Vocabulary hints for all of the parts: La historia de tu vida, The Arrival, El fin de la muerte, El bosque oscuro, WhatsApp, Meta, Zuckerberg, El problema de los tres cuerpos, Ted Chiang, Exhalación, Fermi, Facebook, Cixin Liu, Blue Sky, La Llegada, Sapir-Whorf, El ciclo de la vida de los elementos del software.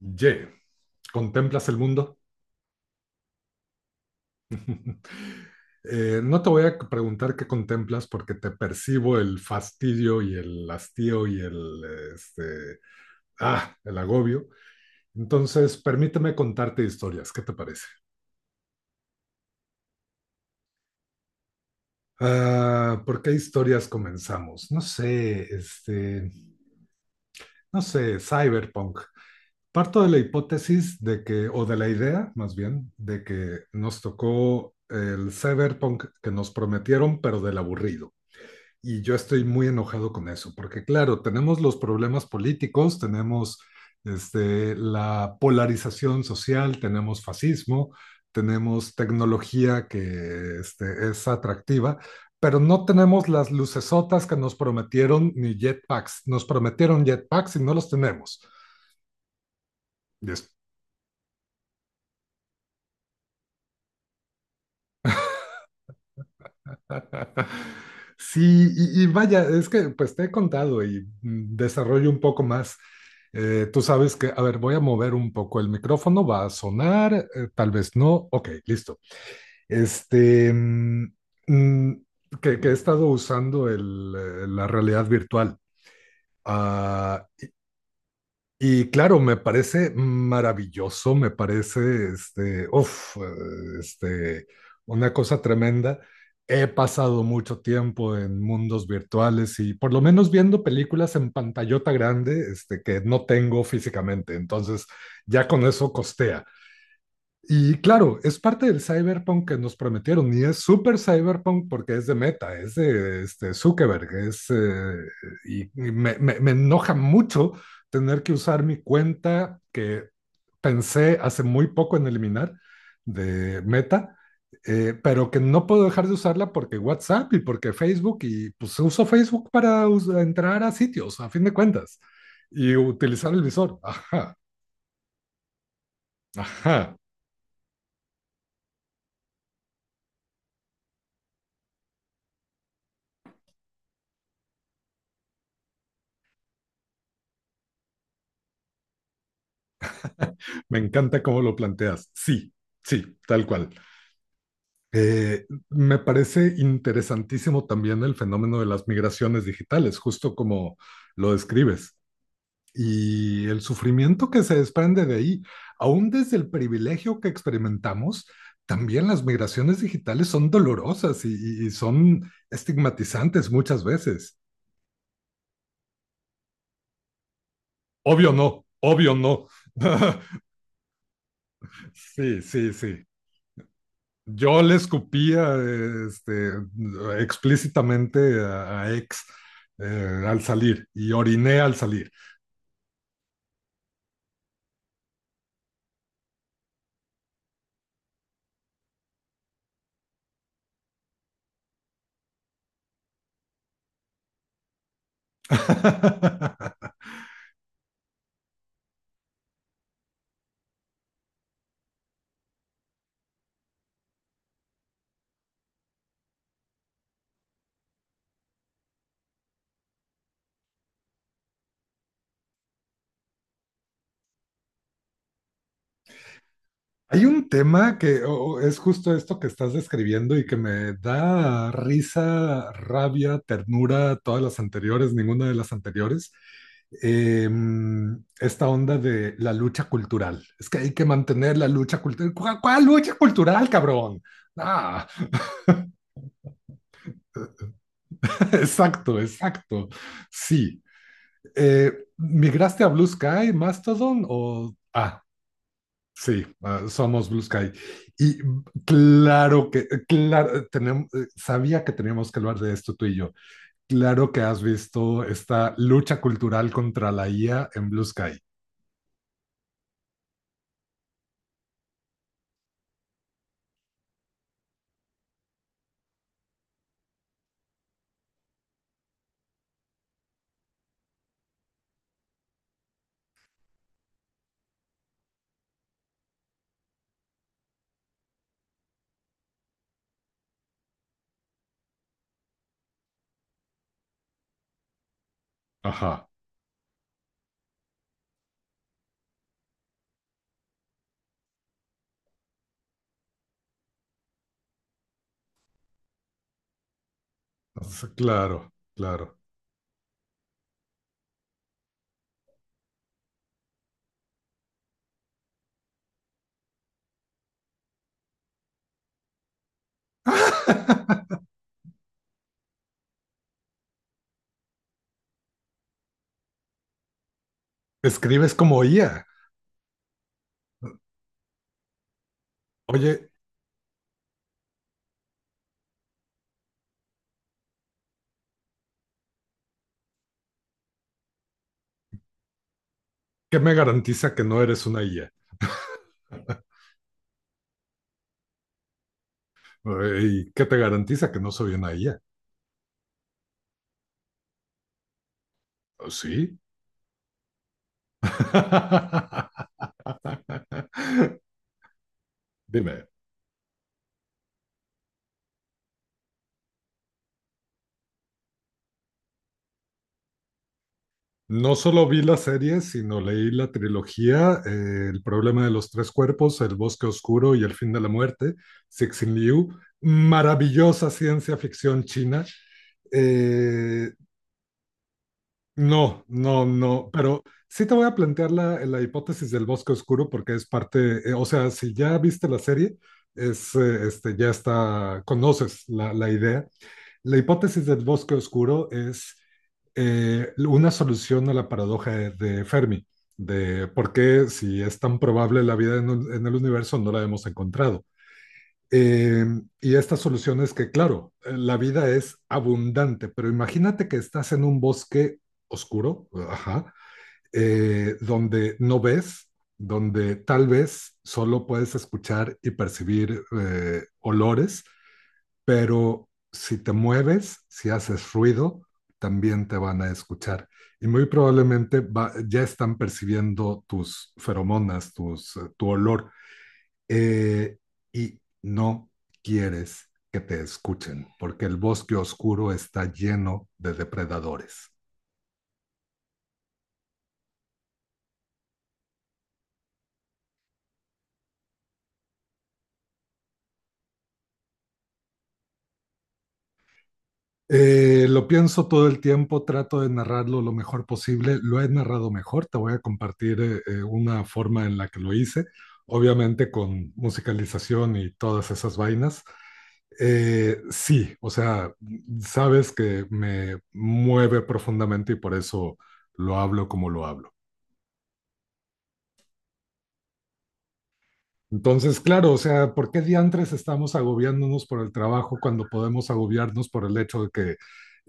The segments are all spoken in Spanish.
Y. ¿Contemplas el mundo? No te voy a preguntar qué contemplas porque te percibo el fastidio y el hastío y este, el agobio. Entonces, permíteme contarte historias. ¿Qué te parece? ¿Por qué historias comenzamos? No sé, no sé, cyberpunk. Parto de la hipótesis de que, o de la idea, más bien, de que nos tocó el cyberpunk que nos prometieron, pero del aburrido. Y yo estoy muy enojado con eso, porque claro, tenemos los problemas políticos, tenemos la polarización social, tenemos fascismo, tenemos tecnología que es atractiva, pero no tenemos las lucesotas que nos prometieron ni jetpacks. Nos prometieron jetpacks y no los tenemos. Y es Sí, y vaya, es que pues te he contado y desarrollo un poco más. Tú sabes que, a ver, voy a mover un poco el micrófono, va a sonar, tal vez no. Ok, listo. Este, mm, mm, que he estado usando la realidad virtual. Ah, y claro, me parece maravilloso, me parece, una cosa tremenda. He pasado mucho tiempo en mundos virtuales y por lo menos viendo películas en pantallota grande, que no tengo físicamente. Entonces, ya con eso costea. Y claro, es parte del cyberpunk que nos prometieron y es súper cyberpunk porque es de Meta, es de Zuckerberg, es, me enoja mucho tener que usar mi cuenta que pensé hace muy poco en eliminar de Meta, pero que no puedo dejar de usarla porque WhatsApp y porque Facebook y pues uso Facebook para us- entrar a sitios, a fin de cuentas, y utilizar el visor. Ajá, ajá. Me encanta cómo lo planteas. Sí, sí, tal cual. Me parece interesantísimo también el fenómeno de las migraciones digitales, justo como lo describes, y el sufrimiento que se desprende de ahí, aún desde el privilegio que experimentamos. También las migraciones digitales son dolorosas y son estigmatizantes muchas veces. Obvio no, obvio no. Sí, sí, sí. Yo le escupía este, explícitamente a ex al salir y oriné al salir. Hay un tema que o- es justo esto que estás describiendo y que me da risa, rabia, ternura, todas las anteriores, ninguna de las anteriores. Em, esta onda de la lucha cultural. Es que hay que mantener la lucha cultural. ¿Cuál, cuál lucha cultural, cabrón? Ah. Exacto, exacto. Sí. Eh, ¿Migraste a Blue Sky, Mastodon o... Ah, sí, ah, somos Blue Sky. Y claro, tenemos, sabía que teníamos que hablar de esto tú y yo. Claro que has visto esta lucha cultural contra la IA en Blue Sky. Ajá, s- claro, claro. Escribes como IA. Oye, ¿qué me garantiza que no eres una IA? ¿Y qué te garantiza que no soy una IA? Sí, Dime, no solo vi la serie, sino leí la trilogía, El problema de los tres cuerpos, El bosque oscuro y El fin de la muerte, Cixin Liu, maravillosa ciencia ficción china. Eh, no, no, no, Pero sí te voy a plantear la hipótesis del bosque oscuro porque es parte, o sea, si ya viste la serie, ya está, conoces la idea. La hipótesis del bosque oscuro es una solución a la paradoja de Fermi, de por qué si es tan probable la vida en, un- en el universo no la hemos encontrado. Eh, y esta solución es que, claro, la vida es abundante, pero imagínate que estás en un bosque oscuro, ajá, donde no ves, donde tal vez solo puedes escuchar y percibir olores, pero si te mueves, si haces ruido, también te van a escuchar. Y muy probablemente ya están percibiendo tus feromonas, tu olor. Eh, y no quieres que te escuchen, porque el bosque oscuro está lleno de depredadores. Lo pienso todo el tiempo, trato de narrarlo lo mejor posible. Lo he narrado mejor, te voy a compartir una forma en la que lo hice, obviamente con musicalización y todas esas vainas. Sí, o sea, sabes que me mueve profundamente y por eso lo hablo como lo hablo. Entonces, claro, o sea, ¿por qué diantres estamos agobiándonos por el trabajo cuando podemos agobiarnos por el hecho de que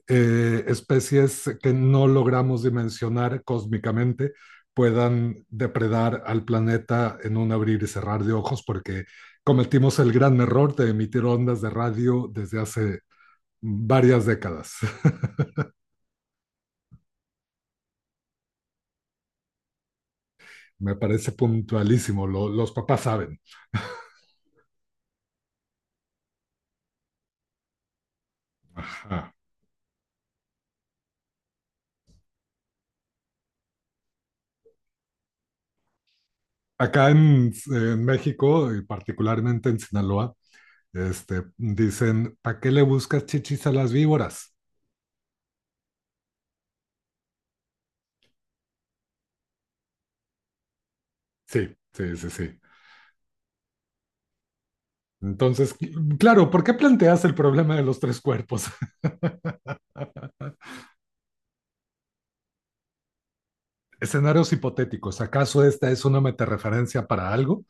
especies que no logramos dimensionar cósmicamente puedan depredar al planeta en un abrir y cerrar de ojos, porque cometimos el gran error de emitir ondas de radio desde hace varias décadas? Me parece puntualísimo, lo, los papás saben. Ajá. Acá en, México, y particularmente en Sinaloa, dicen, ¿para qué le buscas chichis a las víboras? Sí, sí, sí, sí. Entonces, claro, ¿por qué planteas el problema de los tres cuerpos? Escenarios hipotéticos. ¿Acaso esta es una metareferencia para algo?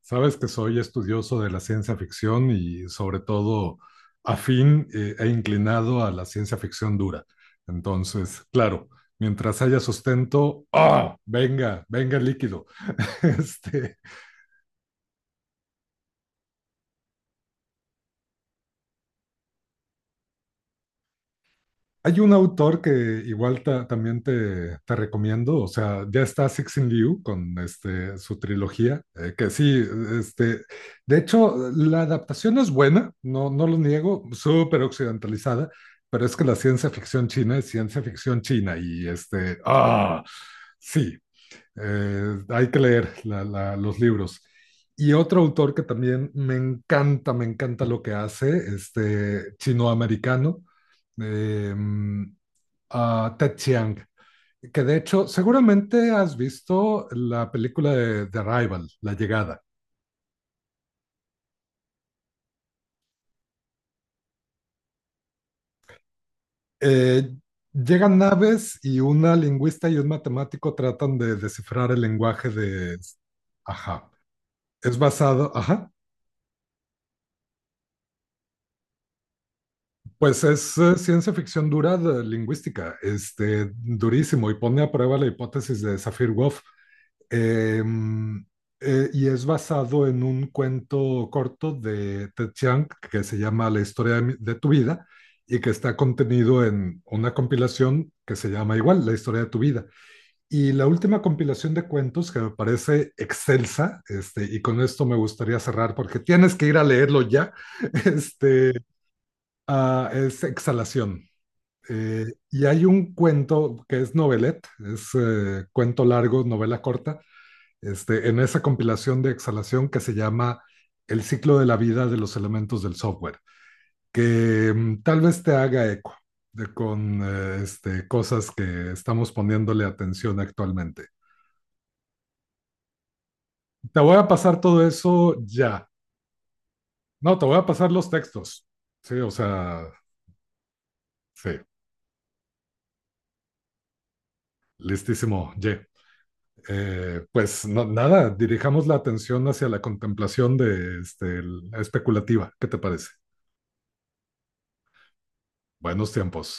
Sabes que soy estudioso de la ciencia ficción y sobre todo afín e inclinado a la ciencia ficción dura. Entonces, claro, mientras haya sustento, ¡ah! Venga, venga el líquido. Este, Hay un autor que igual también te recomiendo, o sea, ya está Cixin Liu con su trilogía, que sí, este, de hecho, la adaptación es buena, no, no lo niego, súper occidentalizada, pero es que la ciencia ficción china es ciencia ficción china y sí, hay que leer los libros. Y otro autor que también me encanta lo que hace, chinoamericano. Americano, a Ted Chiang, que de hecho seguramente has visto la película de The Arrival, La Llegada. Eh, Llegan naves y una lingüista y un matemático tratan de descifrar el lenguaje de... Ajá. Es basado, ajá, pues es ciencia ficción dura de lingüística, durísimo, y pone a prueba la hipótesis de Sapir-Whorf. Em, y es basado en un cuento corto de Ted Chiang que se llama La historia de tu vida, y que está contenido en una compilación que se llama igual, La historia de tu vida. Y la última compilación de cuentos que me parece excelsa, y con esto me gustaría cerrar porque tienes que ir a leerlo ya, este, es Exhalación. Eh, y hay un cuento que es novelette, es cuento largo, novela corta, en esa compilación de exhalación, que se llama El ciclo de la vida de los elementos del software, que tal vez te haga eco de, con cosas que estamos poniéndole atención actualmente. Te voy a pasar todo eso ya. No, te voy a pasar los textos. Sí, o sea, sí, listísimo, Ye. Pues no, nada, dirijamos la atención hacia la contemplación de la especulativa. ¿Qué te parece? Buenos tiempos.